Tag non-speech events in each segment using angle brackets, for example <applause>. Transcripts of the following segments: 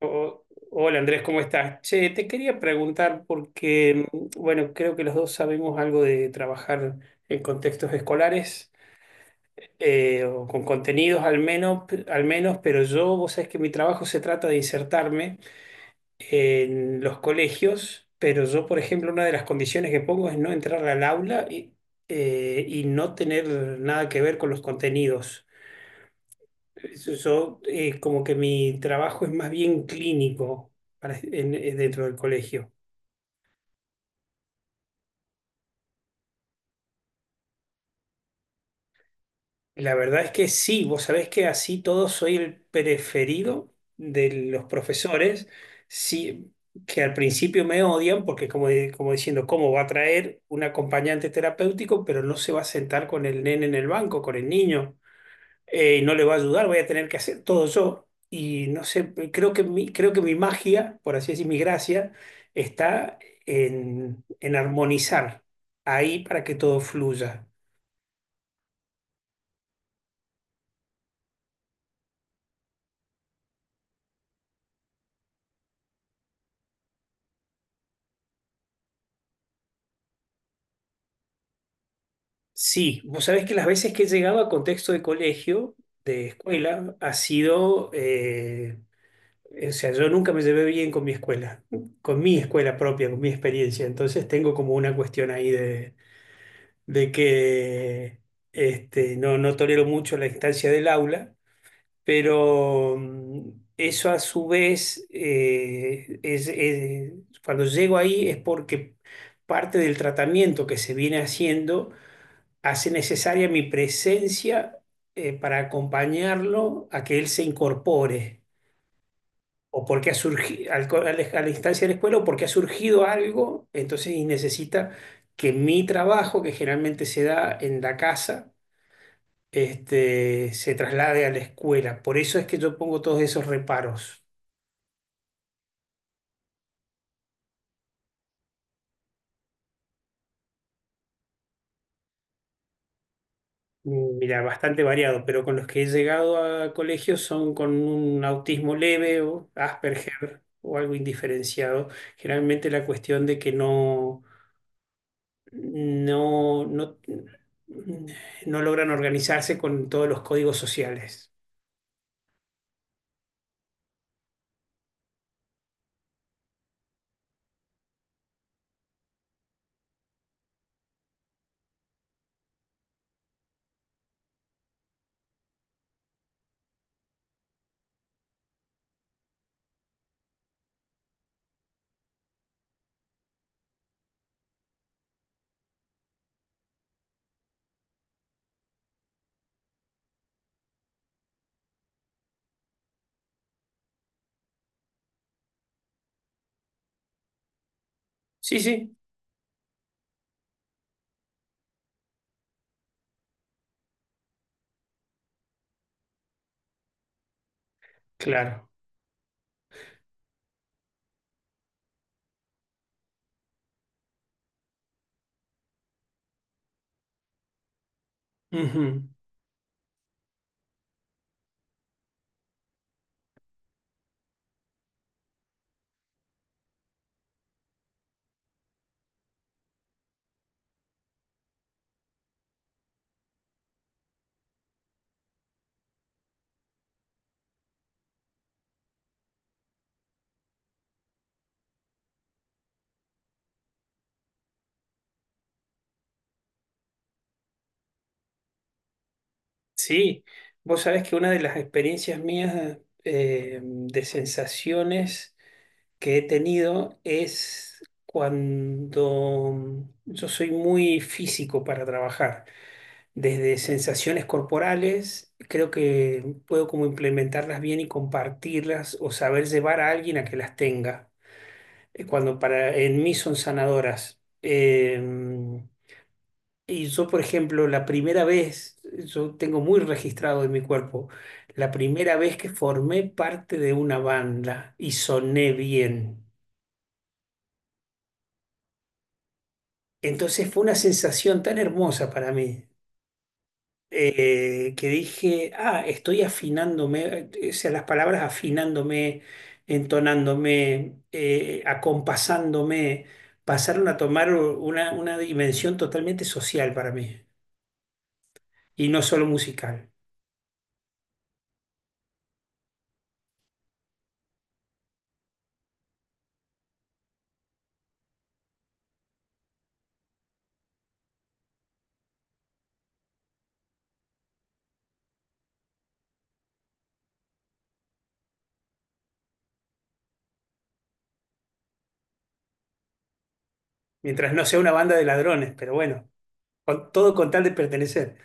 O- hola Andrés, ¿cómo estás? Che, te quería preguntar porque, bueno, creo que los dos sabemos algo de trabajar en contextos escolares, o con contenidos al menos, pero yo, vos sabés que mi trabajo se trata de insertarme en los colegios, pero yo, por ejemplo, una de las condiciones que pongo es no entrar al aula y no tener nada que ver con los contenidos. Yo, como que mi trabajo es más bien clínico dentro del colegio. La verdad es que sí, vos sabés que así todo soy el preferido de los profesores, sí, que al principio me odian porque como diciendo, ¿cómo va a traer un acompañante terapéutico, pero no se va a sentar con el nene en el banco, con el niño? No le va a ayudar, voy a tener que hacer todo yo. Y no sé, creo que mi, magia, por así decir, mi gracia, está en armonizar ahí para que todo fluya. Sí, vos sabés que las veces que he llegado a contexto de colegio, de escuela, ha sido, o sea, yo nunca me llevé bien con mi escuela propia, con mi experiencia. Entonces tengo como una cuestión ahí de que este, no, no tolero mucho la instancia del aula, pero eso a su vez, cuando llego ahí es porque parte del tratamiento que se viene haciendo hace necesaria mi presencia, para acompañarlo a que él se incorpore. O porque ha surgido, al co- a la instancia de la escuela, o porque ha surgido algo, entonces y necesita que mi trabajo, que generalmente se da en la casa, este, se traslade a la escuela. Por eso es que yo pongo todos esos reparos. Mira, bastante variado, pero con los que he llegado a colegios son con un autismo leve o Asperger o algo indiferenciado. Generalmente la cuestión de que no, no, no, mm, no logran organizarse con todos los códigos sociales. Sí, sí, claro. Ujú. Sí, vos sabés que una de las experiencias mías, de sensaciones que he tenido, es cuando yo soy muy físico para trabajar, desde sensaciones corporales, creo que puedo como implementarlas bien y compartirlas, o saber llevar a alguien a que las tenga, cuando para en mí son sanadoras. Y yo, por ejemplo, la primera vez, yo tengo muy registrado en mi cuerpo la primera vez que formé parte de una banda y soné bien. Entonces fue una sensación tan hermosa para mí, que dije, ah, estoy afinándome, o sea, las palabras afinándome, entonándome, acompasándome, pasaron a tomar una, dimensión totalmente social para mí y no solo musical, mientras no sea una banda de ladrones, pero bueno, todo con tal de pertenecer.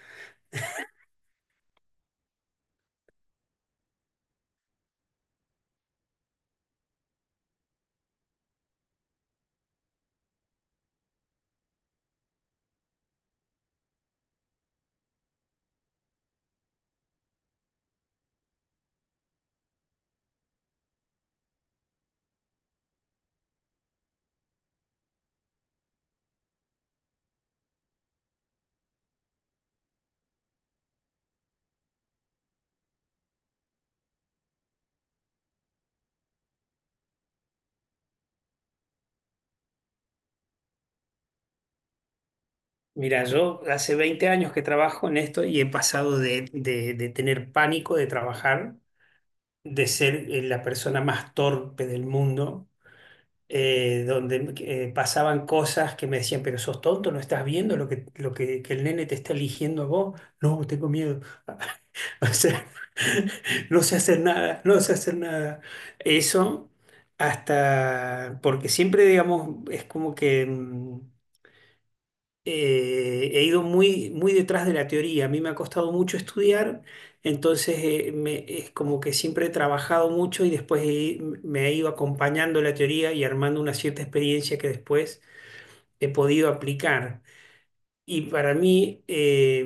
Mira, yo hace 20 años que trabajo en esto y he pasado de tener pánico de trabajar, de ser, la persona más torpe del mundo, donde pasaban cosas que me decían, pero sos tonto, no estás viendo que el nene te está eligiendo a vos. No, tengo miedo. <laughs> O sea, <laughs> no sé hacer nada, no sé hacer nada. Eso hasta, porque siempre, digamos, es como que he ido muy, muy detrás de la teoría. A mí me ha costado mucho estudiar, entonces es como que siempre he trabajado mucho y después me he ido acompañando la teoría y armando una cierta experiencia que después he podido aplicar. Y para mí,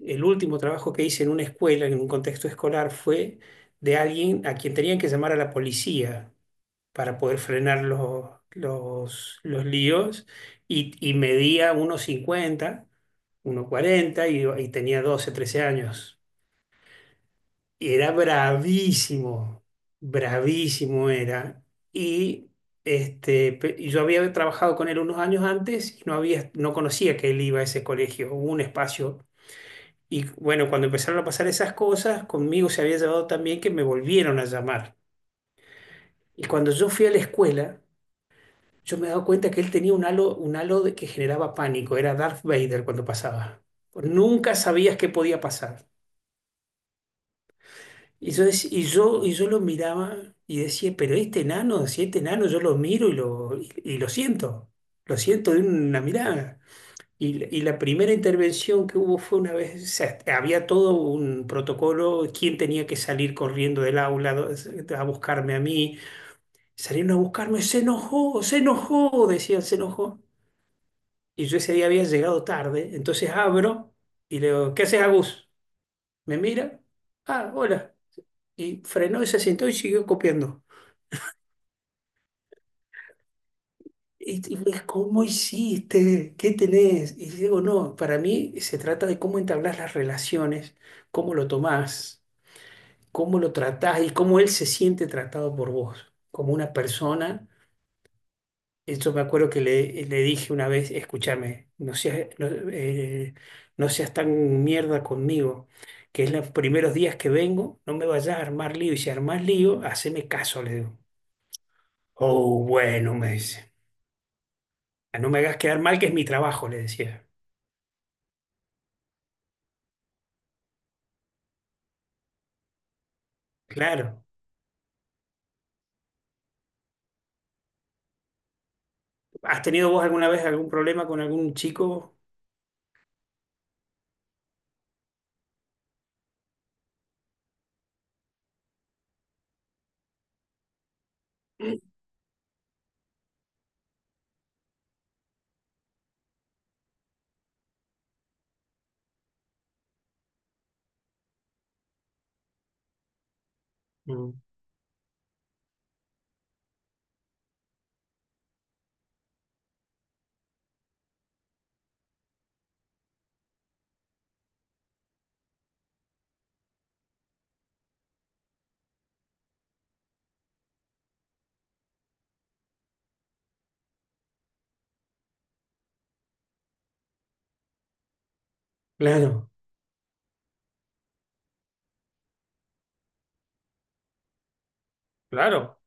el último trabajo que hice en una escuela, en un contexto escolar, fue de alguien a quien tenían que llamar a la policía para poder frenar los líos, y medía 1,50, 1,40, y tenía 12 13 años. Y era bravísimo, bravísimo era. Y, y yo había trabajado con él unos años antes y no había, no conocía que él iba a ese colegio, hubo un espacio. Y bueno, cuando empezaron a pasar esas cosas, conmigo se había llevado también, que me volvieron a llamar. Y cuando yo fui a la escuela, yo me he dado cuenta que él tenía un halo de que generaba pánico. Era Darth Vader cuando pasaba. Nunca sabías qué podía pasar. Y yo lo miraba y decía, pero este enano, si este enano yo lo miro y lo siento. Lo siento de una mirada. Y la primera intervención que hubo fue una vez, o sea, había todo un protocolo, quién tenía que salir corriendo del aula a buscarme a mí. Salieron a buscarme, se enojó, decían, se enojó. Y yo ese día había llegado tarde, entonces abro y le digo, ¿qué haces, Agus? Me mira, ah, hola. Y frenó y se sentó y siguió copiando. Y me dijo, ¿cómo hiciste? ¿Qué tenés? Y digo, no, para mí se trata de cómo entablas las relaciones, cómo lo tomás, cómo lo tratás y cómo él se siente tratado por vos, como una persona. Yo me acuerdo que le dije una vez, escúchame, no seas tan mierda conmigo, que es los primeros días que vengo, no me vayas a armar lío, y si armás lío, haceme caso, le digo. Oh, bueno, me dice, "Ah, no me hagas quedar mal, que es mi trabajo", le decía. Claro, ¿has tenido vos alguna vez algún problema con algún chico? Mm, claro, claro.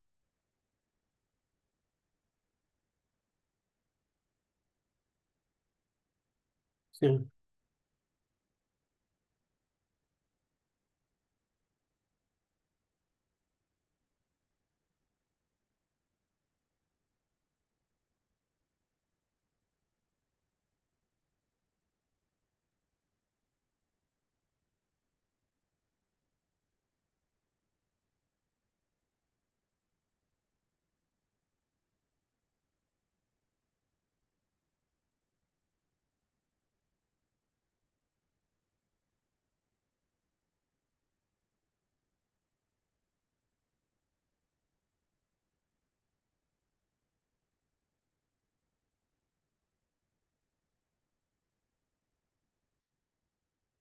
Sí.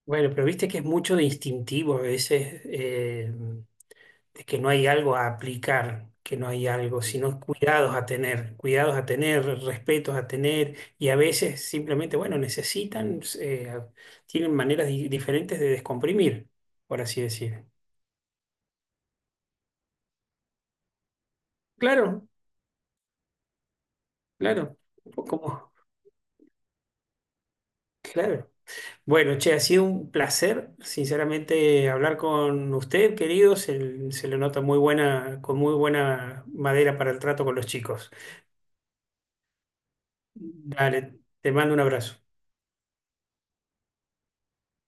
Bueno, pero viste que es mucho de instintivo a veces. De que no hay algo a aplicar, que no hay algo, sino cuidados a tener, respetos a tener, y a veces simplemente, bueno, necesitan, tienen maneras diferentes de descomprimir, por así decir. Claro, claro, un poco <laughs> como, claro. Bueno, che, ha sido un placer, sinceramente, hablar con usted, querido. Se le nota muy buena, con muy buena madera para el trato con los chicos. Dale, te mando un abrazo.